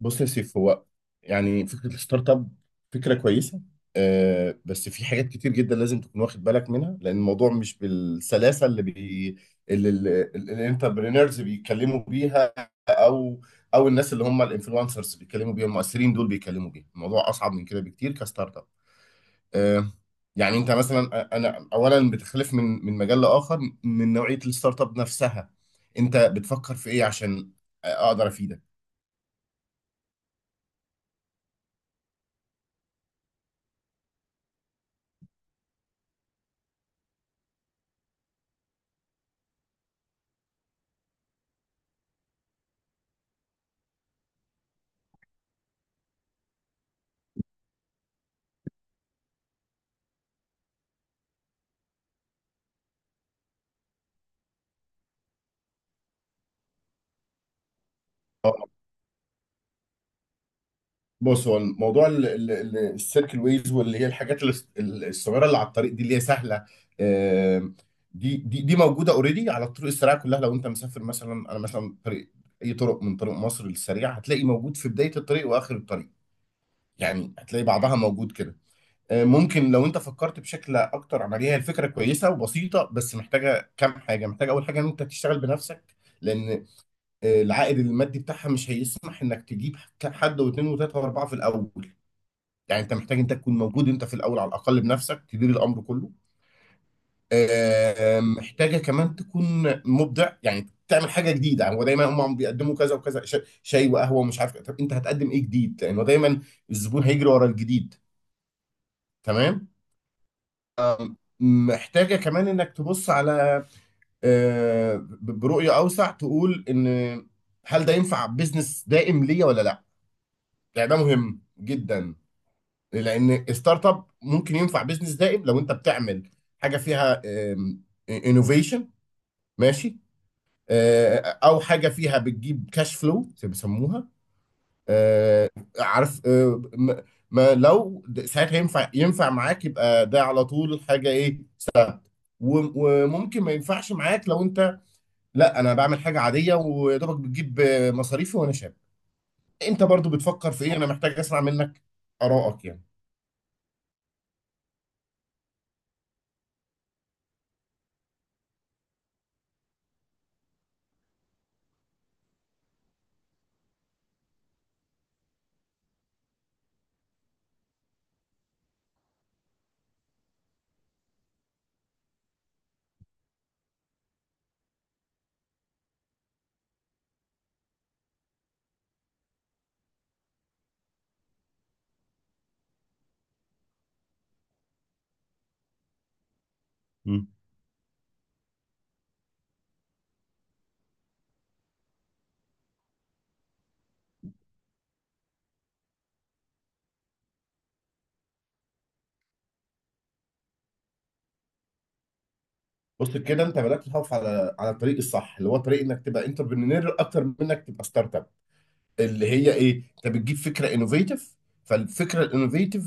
بص يا سيف، هو يعني فكرة الستارت اب فكرة كويسة. بس في حاجات كتير جدا لازم تكون واخد بالك منها، لأن الموضوع مش بالسلاسة اللي الانتربرينرز بيتكلموا بيها أو أو الناس اللي هم الانفلونسرز بيتكلموا بيها، المؤثرين دول بيتكلموا بيها. الموضوع أصعب من كده بكتير كستارت اب. آه يعني أنت مثلا، أنا أولا بتختلف من مجال لآخر، من نوعية الستارت اب نفسها. أنت بتفكر في إيه عشان أقدر أفيدك؟ بص، هو الموضوع السيركل ويز، واللي هي الحاجات الصغيره اللي على الطريق دي اللي هي سهله. آم، دي موجوده اوريدي على الطرق السريعه كلها، لو انت مسافر مثلا. انا مثلا طريق اي طرق من طرق مصر للسريع هتلاقي موجود في بدايه الطريق واخر الطريق، يعني هتلاقي بعضها موجود كده. ممكن لو انت فكرت بشكل اكتر عمليه، هي الفكره كويسه وبسيطه بس محتاجه كام حاجه. محتاجه اول حاجه ان انت تشتغل بنفسك، لان العائد المادي بتاعها مش هيسمح انك تجيب حد واثنين وثلاثه واربعه في الاول. يعني انت محتاج انت تكون موجود انت في الاول على الاقل بنفسك تدير الامر كله. محتاجه كمان تكون مبدع، يعني تعمل حاجه جديده، يعني هو دايما هم بيقدموا كذا وكذا شاي وقهوه ومش عارف إيه. طب انت هتقدم ايه جديد؟ لانه دايما الزبون هيجري ورا الجديد. تمام. محتاجه كمان انك تبص على برؤيه اوسع، تقول ان هل ده ينفع بزنس دائم ليا ولا لا؟ يعني ده مهم جدا. لان ستارت اب ممكن ينفع بزنس دائم لو انت بتعمل حاجه فيها انوفيشن. ماشي. او حاجه فيها بتجيب كاش فلو زي ما بيسموها. آه، عارف، ما لو ساعتها ينفع معاك يبقى ده على طول حاجه ايه. و- وممكن ما ينفعش معاك، لو انت لا انا بعمل حاجه عاديه ويا دوبك بتجيب مصاريفي وانا شاب. انت برضو بتفكر في ايه؟ انا محتاج اسمع منك ارائك يعني. بص كده، انت بدات تخاف على الطريق الصح اللي هو طريق انك تبقى انتربرينور اكتر من انك تبقى ستارت اب، اللي هي ايه؟ انت بتجيب فكره انوفيتيف. فالفكره الانوفيتيف،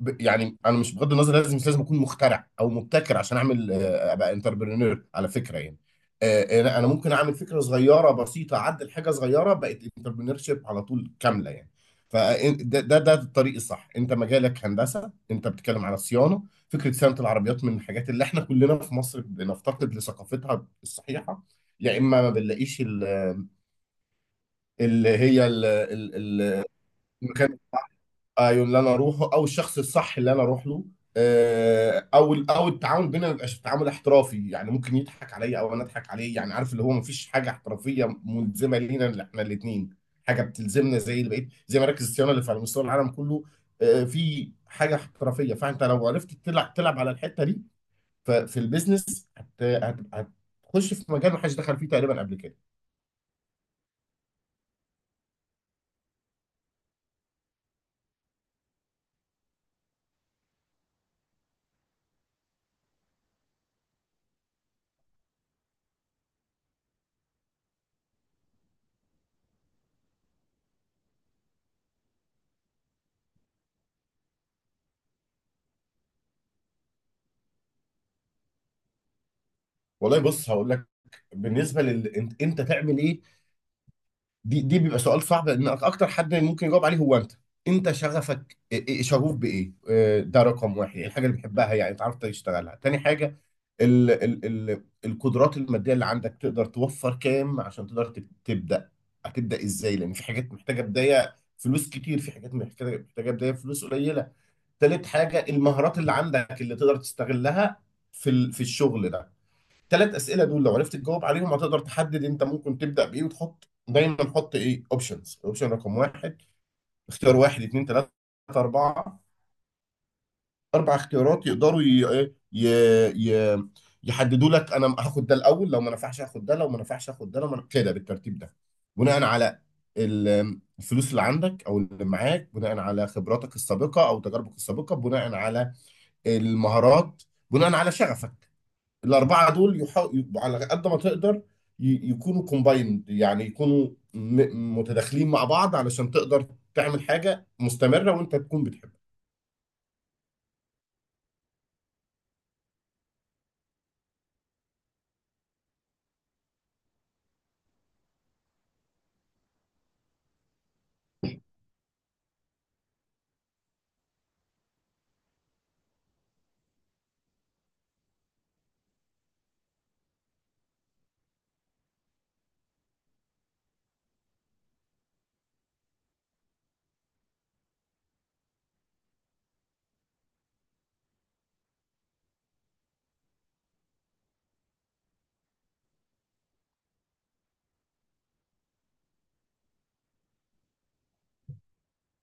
يعني انا مش بغض النظر، لازم مش لازم اكون مخترع او مبتكر عشان اعمل ابقى انتربرينور، على فكره يعني. انا ممكن اعمل فكره صغيره بسيطه، اعدل حاجه صغيره بقت انتربرينور شيب على طول كامله يعني. فده ده ده الطريق الصح. انت مجالك هندسه، انت بتتكلم على صيانه. فكره صيانه العربيات من الحاجات اللي احنا كلنا في مصر بنفتقد لثقافتها الصحيحه، يا اما ما بنلاقيش اللي هي المكان. ايوه، اللي انا اروحه او الشخص الصح اللي انا اروح له، او التعامل بينا ما يبقاش تعامل احترافي. يعني ممكن يضحك عليا او انا اضحك عليه، يعني عارف، اللي هو ما فيش حاجه احترافيه ملزمه لينا اللي احنا الاثنين. حاجه بتلزمنا زي اللي بقيت، زي مراكز الصيانه اللي في على مستوى العالم كله. في حاجه احترافيه، فانت لو عرفت تلعب على الحته دي ففي البيزنس هت- هتخش في مجال ما حدش دخل فيه تقريبا قبل كده. والله بص هقول لك. بالنسبه انت تعمل ايه، دي بيبقى سؤال صعب، لان اكتر حد ممكن يجاوب عليه هو انت. انت شغفك شغوف بايه؟ ده رقم واحد، يعني الحاجه اللي بتحبها يعني تعرف تشتغلها. تاني حاجه ال ال ال القدرات الماديه اللي عندك، تقدر توفر كام عشان تقدر تبدا، هتبدا ازاي؟ لان في حاجات محتاجه بدايه فلوس كتير، في حاجات محتاجه بدايه فلوس قليله. تالت حاجه المهارات اللي عندك اللي تقدر تستغلها في الشغل ده. ثلاث اسئله دول لو عرفت تجاوب عليهم هتقدر تحدد انت ممكن تبدا بايه، وتحط دايما، حط ايه اوبشنز، اوبشن رقم واحد، اختيار واحد اتنين تلاته اربعه، اربع اختيارات يقدروا إيه؟ ي... يحددوا لك انا هاخد ده الاول، لو ما نفعش هاخد ده، لو ما نفعش هاخد ده، لو ما كده بالترتيب ده. بناء على الفلوس اللي عندك او اللي معاك، بناء على خبراتك السابقه او تجاربك السابقه، بناء على المهارات، بناء على شغفك. الأربعة دول يحاول على قد ما تقدر يكونوا كومبايند، يعني يكونوا متداخلين مع بعض علشان تقدر تعمل حاجة مستمرة وأنت تكون بتحبها.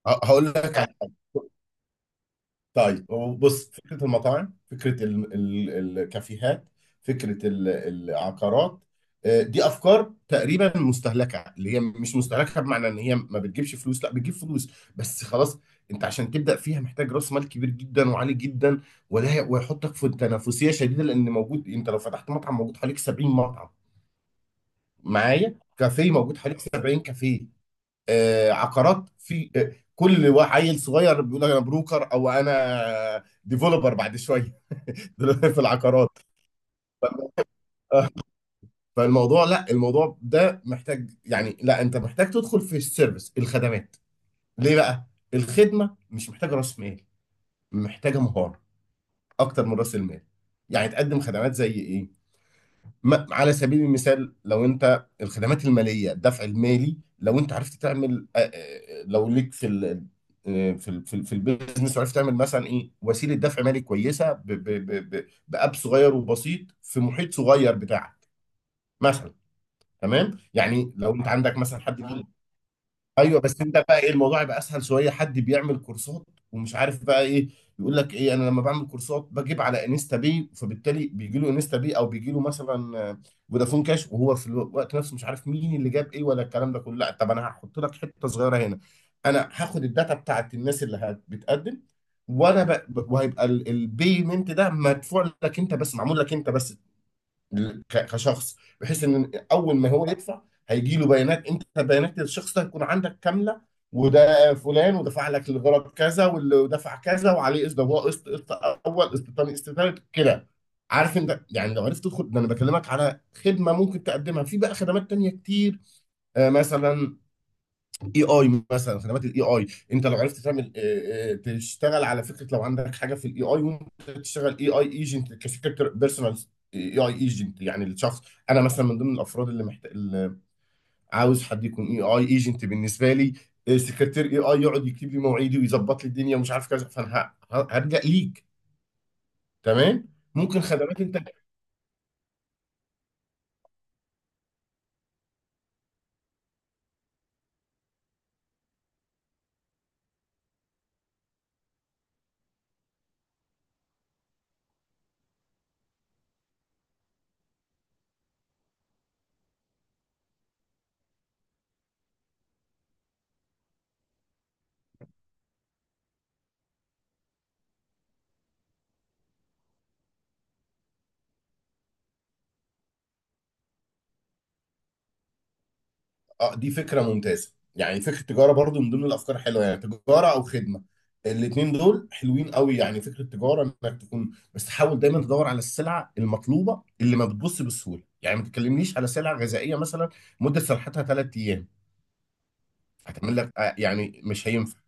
هقول لك. طيب هو بص، فكرة المطاعم، فكرة ال ال الكافيهات، فكرة العقارات، دي أفكار تقريبا مستهلكة، اللي هي مش مستهلكة بمعنى إن هي ما بتجيبش فلوس، لا بتجيب فلوس بس خلاص. أنت عشان تبدأ فيها محتاج رأس مال كبير جدا وعالي جدا، ولا ويحطك في تنافسية شديدة، لأن موجود، أنت لو فتحت مطعم موجود حواليك 70 مطعم، معايا كافيه موجود حواليك 70 كافيه. عقارات، في كل عيل صغير بيقول انا بروكر او انا ديفلوبر بعد شويه. دلوقتي في العقارات. فالموضوع، لا الموضوع ده محتاج، يعني لا انت محتاج تدخل في السيرفيس، الخدمات. ليه بقى؟ الخدمه مش محتاجه راس مال، محتاجه مهاره اكتر من راس المال. يعني تقدم خدمات زي ايه؟ ما على سبيل المثال، لو انت الخدمات الماليه الدفع المالي، لو انت عرفت تعمل لو ليك في ال آه، في ال في, ال- في البيزنس، وعرفت تعمل مثلا ايه وسيله دفع مالي كويسه، ب ب ب ب باب صغير وبسيط في محيط صغير بتاعك مثلا. تمام، يعني لو انت عندك مثلا حد فيه. ايوه بس انت بقى ايه الموضوع يبقى اسهل شويه، حد بيعمل كورسات ومش عارف بقى ايه، يقول لك ايه؟ انا لما بعمل كورسات بجيب على انستا باي، فبالتالي بيجي له انستا باي، او بيجي له مثلا فودافون كاش، وهو في الوقت نفسه مش عارف مين اللي جاب ايه ولا الكلام ده كله. لا، طب انا هحط لك حته صغيره هنا. انا هاخد الداتا بتاعت الناس اللي بتقدم، وهيبقى البيمنت ده مدفوع لك انت بس، معمول لك انت بس كشخص. بحيث ان اول ما هو يدفع هيجي له بيانات، انت بيانات الشخص ده هتكون عندك كامله. وده فلان ودفع لك الغرض كذا، واللي دفع كذا وعليه قسط ضوء قسط قسط اول، قسط تاني، قسط تالت كده. عارف انت، يعني لو عرفت تدخل ده، انا بكلمك على خدمه ممكن تقدمها. في بقى خدمات تانيه كتير. مثلا اي اي، مثلا خدمات الاي اي، انت لو عرفت تعمل تشتغل على فكره، لو عندك حاجه في الاي اي ممكن تشتغل اي اي ايجنت كفكره بيرسونال. اي اي ايجنت يعني الشخص، انا مثلا من ضمن الافراد اللي محتاج، اللي عاوز حد يكون اي اي ايجنت بالنسبه لي. سكرتير اي اي يقعد يكتب لي مواعيدي ويظبط لي الدنيا ومش عارف كذا، فانا هرجع ليك. تمام، ممكن خدمات انت. اه، دي فكرة ممتازة، يعني فكرة التجارة برضو من ضمن الأفكار الحلوة، يعني تجارة أو خدمة، الاتنين دول حلوين قوي. يعني فكرة التجارة إنك تكون بس تحاول دايما تدور على السلعة المطلوبة اللي ما بتبص بسهولة. يعني ما تتكلمنيش على سلعة غذائية مثلا مدة صلاحيتها 3 أيام، هتعمل لك يعني مش هينفع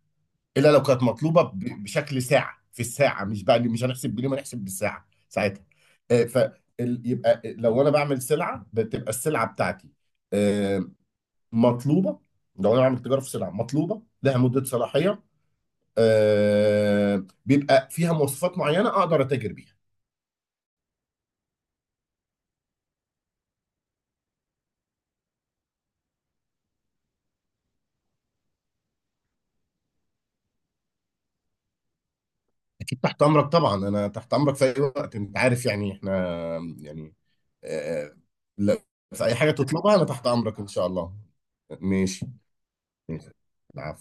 إلا لو كانت مطلوبة بشكل ساعة في الساعة، مش بقى اللي، مش هنحسب باليوم، هنحسب بالساعة ساعتها. آه، ف يبقى لو أنا بعمل سلعة بتبقى السلعة بتاعتي آه، مطلوبه. لو انا بعمل تجاره في سلع مطلوبه لها مده صلاحيه بيبقى فيها مواصفات معينه اقدر اتاجر بيها. اكيد تحت امرك طبعا، انا تحت امرك في اي وقت، انت عارف يعني احنا يعني آه آه، لا، في اي حاجه تطلبها انا تحت امرك ان شاء الله. ماشي. ماشي. العفو.